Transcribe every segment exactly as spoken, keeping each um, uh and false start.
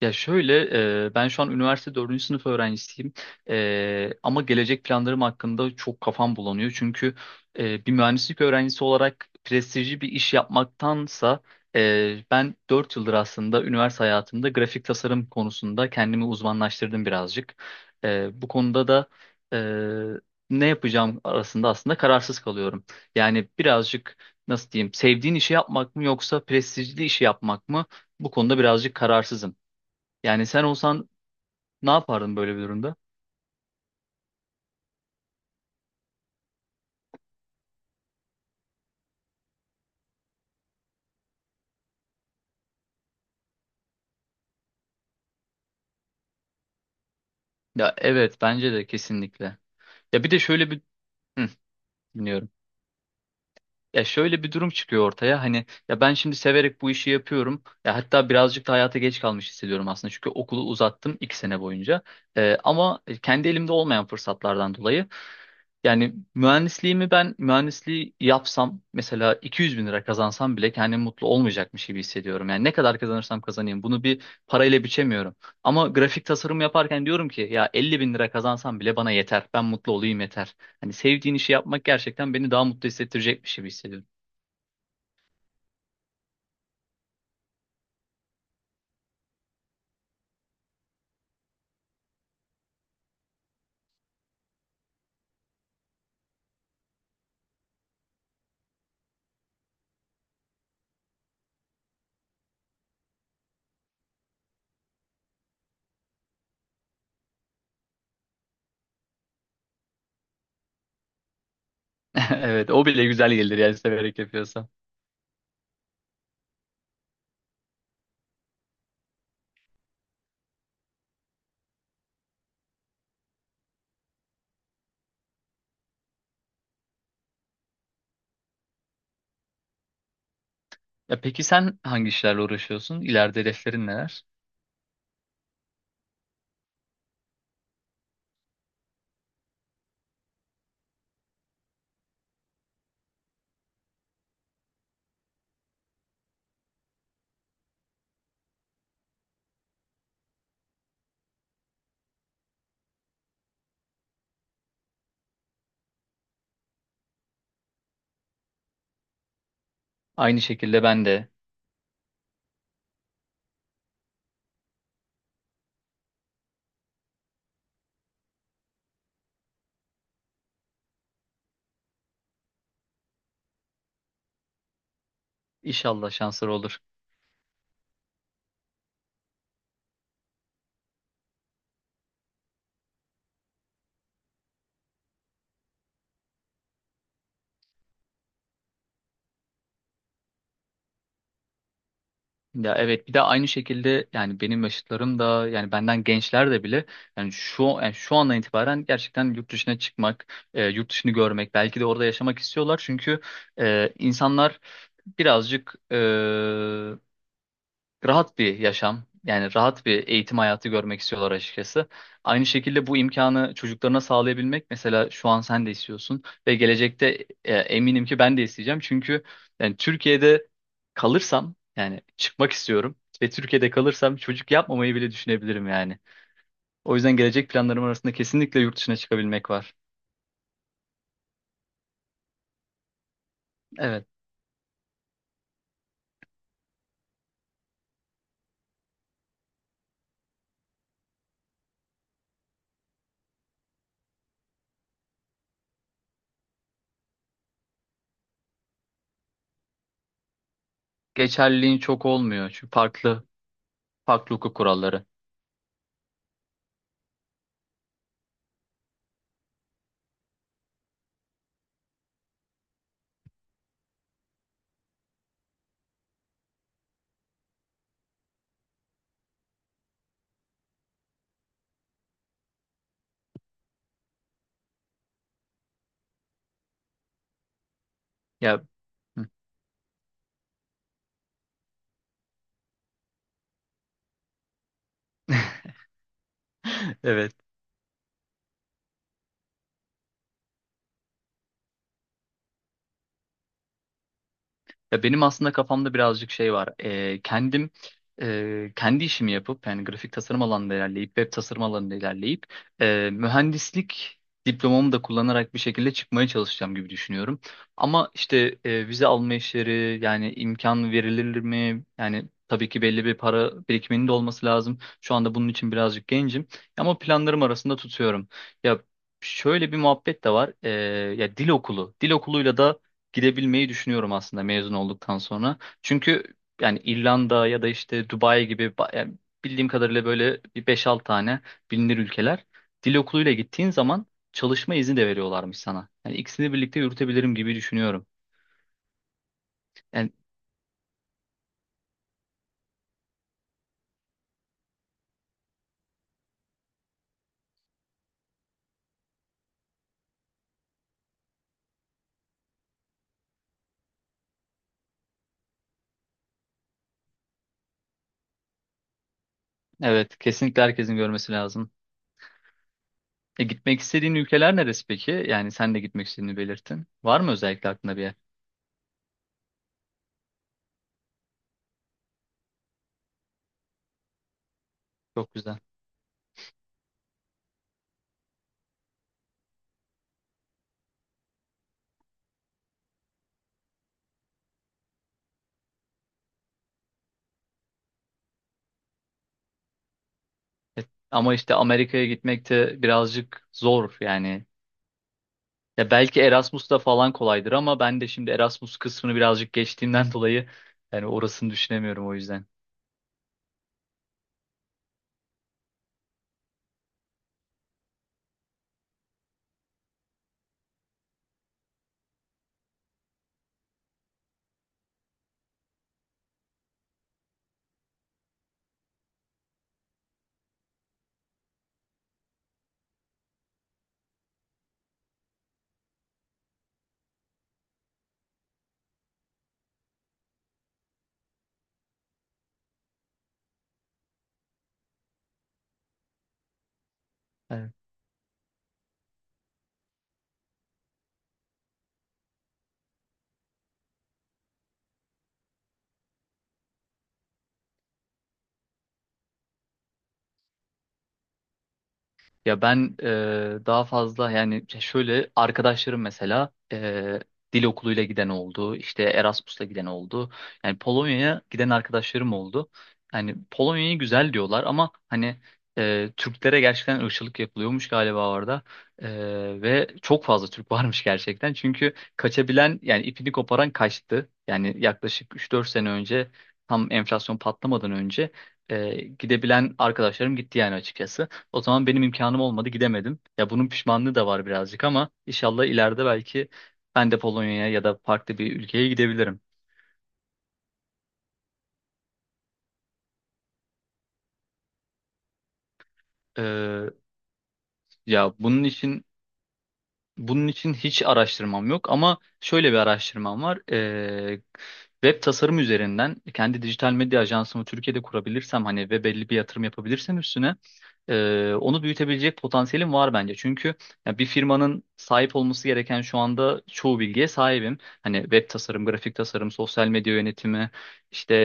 Ya şöyle, e, ben şu an üniversite dördüncü sınıf öğrencisiyim. E, ama gelecek planlarım hakkında çok kafam bulanıyor. Çünkü e, bir mühendislik öğrencisi olarak prestijli bir iş yapmaktansa e, ben dört yıldır aslında üniversite hayatımda grafik tasarım konusunda kendimi uzmanlaştırdım birazcık. E, bu konuda da e, ne yapacağım arasında aslında kararsız kalıyorum. Yani birazcık nasıl diyeyim, sevdiğin işi yapmak mı yoksa prestijli işi yapmak mı? Bu konuda birazcık kararsızım. Yani sen olsan ne yapardın böyle bir durumda? Ya evet bence de kesinlikle. Ya bir de şöyle bir... Hı, dinliyorum. Ya şöyle bir durum çıkıyor ortaya. Hani ya ben şimdi severek bu işi yapıyorum. Ya hatta birazcık da hayata geç kalmış hissediyorum aslında. Çünkü okulu uzattım iki sene boyunca. Ee, ama kendi elimde olmayan fırsatlardan dolayı. Yani mühendisliğimi ben mühendisliği yapsam mesela iki yüz bin lira kazansam bile kendimi mutlu olmayacakmış gibi hissediyorum. Yani ne kadar kazanırsam kazanayım bunu bir parayla biçemiyorum. Ama grafik tasarım yaparken diyorum ki ya elli bin lira kazansam bile bana yeter. Ben mutlu olayım yeter. Hani sevdiğin işi yapmak gerçekten beni daha mutlu hissettirecekmiş gibi hissediyorum. Evet, o bile güzel gelir yani severek yapıyorsa. Ya peki sen hangi işlerle uğraşıyorsun? İleride hedeflerin neler? Aynı şekilde ben de inşallah şansları olur. Ya evet, bir de aynı şekilde yani benim yaşıtlarım da yani benden gençler de bile yani şu yani şu andan itibaren gerçekten yurt dışına çıkmak, e, yurt dışını görmek, belki de orada yaşamak istiyorlar. Çünkü e, insanlar birazcık e, rahat bir yaşam, yani rahat bir eğitim hayatı görmek istiyorlar açıkçası. Aynı şekilde bu imkanı çocuklarına sağlayabilmek mesela şu an sen de istiyorsun ve gelecekte e, eminim ki ben de isteyeceğim. Çünkü yani Türkiye'de kalırsam yani çıkmak istiyorum ve Türkiye'de kalırsam çocuk yapmamayı bile düşünebilirim yani. O yüzden gelecek planlarım arasında kesinlikle yurt dışına çıkabilmek var. Evet. Geçerliliğin çok olmuyor çünkü farklı farklı hukuk kuralları. Ya. Evet. Ya benim aslında kafamda birazcık şey var. Ee, kendim, e, kendi işimi yapıp yani grafik tasarım alanında ilerleyip web tasarım alanında ilerleyip e, mühendislik diplomamı da kullanarak bir şekilde çıkmaya çalışacağım gibi düşünüyorum. Ama işte e, vize alma işleri yani imkan verilir mi? Yani tabii ki belli bir para birikiminin de olması lazım. Şu anda bunun için birazcık gencim ama planlarım arasında tutuyorum. Ya şöyle bir muhabbet de var. Ee, ya dil okulu. Dil okuluyla da gidebilmeyi düşünüyorum aslında mezun olduktan sonra. Çünkü yani İrlanda ya da işte Dubai gibi ba- yani bildiğim kadarıyla böyle bir beş altı tane bilinir ülkeler dil okuluyla gittiğin zaman çalışma izni de veriyorlarmış sana. Yani ikisini birlikte yürütebilirim gibi düşünüyorum. Yani evet, kesinlikle herkesin görmesi lazım. E, gitmek istediğin ülkeler neresi peki? Yani sen de gitmek istediğini belirttin. Var mı özellikle aklında bir yer? Çok güzel. E, ama işte Amerika'ya gitmek de birazcık zor yani. Ya belki Erasmus'ta falan kolaydır ama ben de şimdi Erasmus kısmını birazcık geçtiğimden dolayı yani orasını düşünemiyorum o yüzden. Ya ben, e, daha fazla yani şöyle arkadaşlarım mesela e, dil okuluyla giden oldu, işte Erasmus'la giden oldu. Yani Polonya'ya giden arkadaşlarım oldu. Yani Polonya'yı güzel diyorlar ama hani e, Türklere gerçekten ırkçılık yapılıyormuş galiba orada. E, ve çok fazla Türk varmış gerçekten. Çünkü kaçabilen yani ipini koparan kaçtı. Yani yaklaşık üç dört sene önce tam enflasyon patlamadan önce e, gidebilen arkadaşlarım gitti yani açıkçası. O zaman benim imkanım olmadı, gidemedim. Ya bunun pişmanlığı da var birazcık ama inşallah ileride belki ben de Polonya'ya ya da farklı bir ülkeye gidebilirim. Ee, ya bunun için bunun için hiç araştırmam yok ama şöyle bir araştırmam var. Ee, web tasarım üzerinden kendi dijital medya ajansımı Türkiye'de kurabilirsem hani ve belli bir yatırım yapabilirsem üstüne. Ee, onu büyütebilecek potansiyelim var bence. Çünkü ya bir firmanın sahip olması gereken şu anda çoğu bilgiye sahibim. Hani web tasarım, grafik tasarım, sosyal medya yönetimi, işte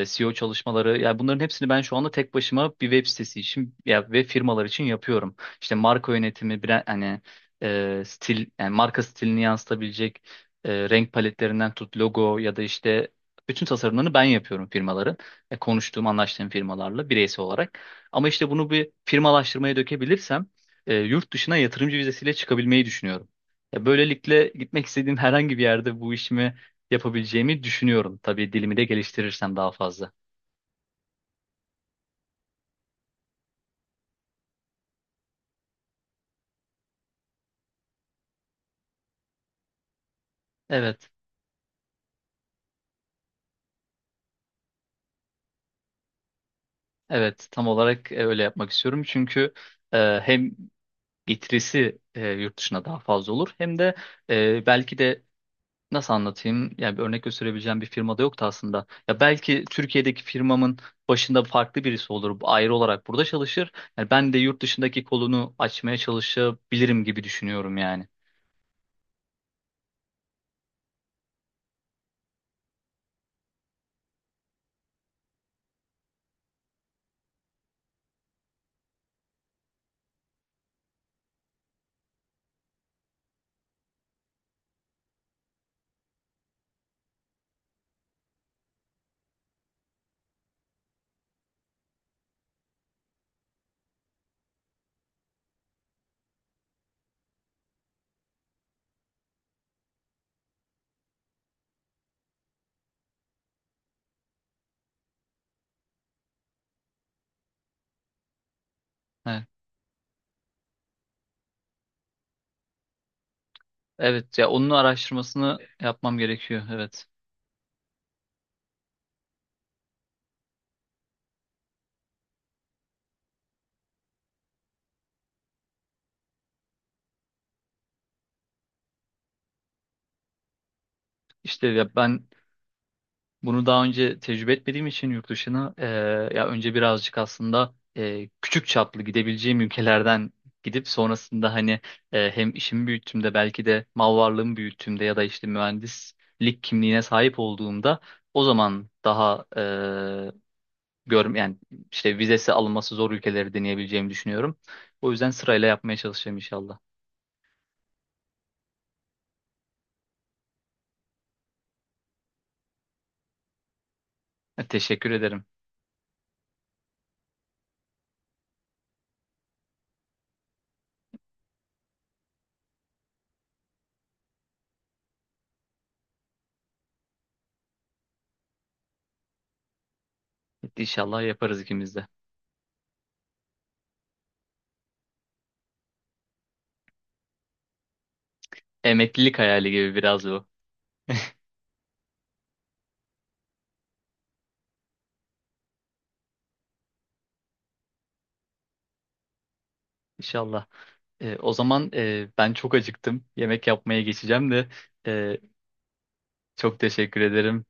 e, S E O çalışmaları. Yani bunların hepsini ben şu anda tek başıma bir web sitesi için ya ve firmalar için yapıyorum. İşte marka yönetimi, brand, hani e, stil, yani marka stilini yansıtabilecek e, renk paletlerinden tut logo ya da işte bütün tasarımlarını ben yapıyorum firmaların. E, konuştuğum, anlaştığım firmalarla bireysel olarak. Ama işte bunu bir firmalaştırmaya dökebilirsem e, yurt dışına yatırımcı vizesiyle çıkabilmeyi düşünüyorum. Ya böylelikle gitmek istediğim herhangi bir yerde bu işimi yapabileceğimi düşünüyorum. Tabii dilimi de geliştirirsem daha fazla. Evet, evet, tam olarak e, öyle yapmak istiyorum. Çünkü e, hem getirisi e, yurt dışına daha fazla olur hem de e, belki de... Nasıl anlatayım? Yani bir örnek gösterebileceğim bir firma da yoktu aslında. Ya belki Türkiye'deki firmamın başında farklı birisi olur. Ayrı olarak burada çalışır. Yani ben de yurt dışındaki kolunu açmaya çalışabilirim gibi düşünüyorum yani. Evet. Evet, ya onun araştırmasını yapmam gerekiyor. Evet. İşte ya ben, bunu daha önce tecrübe etmediğim için yurt dışına, e, ya önce birazcık aslında e, küçük çaplı gidebileceğim ülkelerden gidip sonrasında hani e, hem işimi büyüttüğümde belki de mal varlığımı büyüttüğümde ya da işte mühendislik kimliğine sahip olduğumda o zaman daha, e, görm yani işte vizesi alınması zor ülkeleri deneyebileceğimi düşünüyorum. O yüzden sırayla yapmaya çalışacağım inşallah. Teşekkür ederim. İnşallah yaparız ikimiz de. Emeklilik hayali gibi biraz bu. İnşallah. E, o zaman e, ben çok acıktım. Yemek yapmaya geçeceğim de e, çok teşekkür ederim.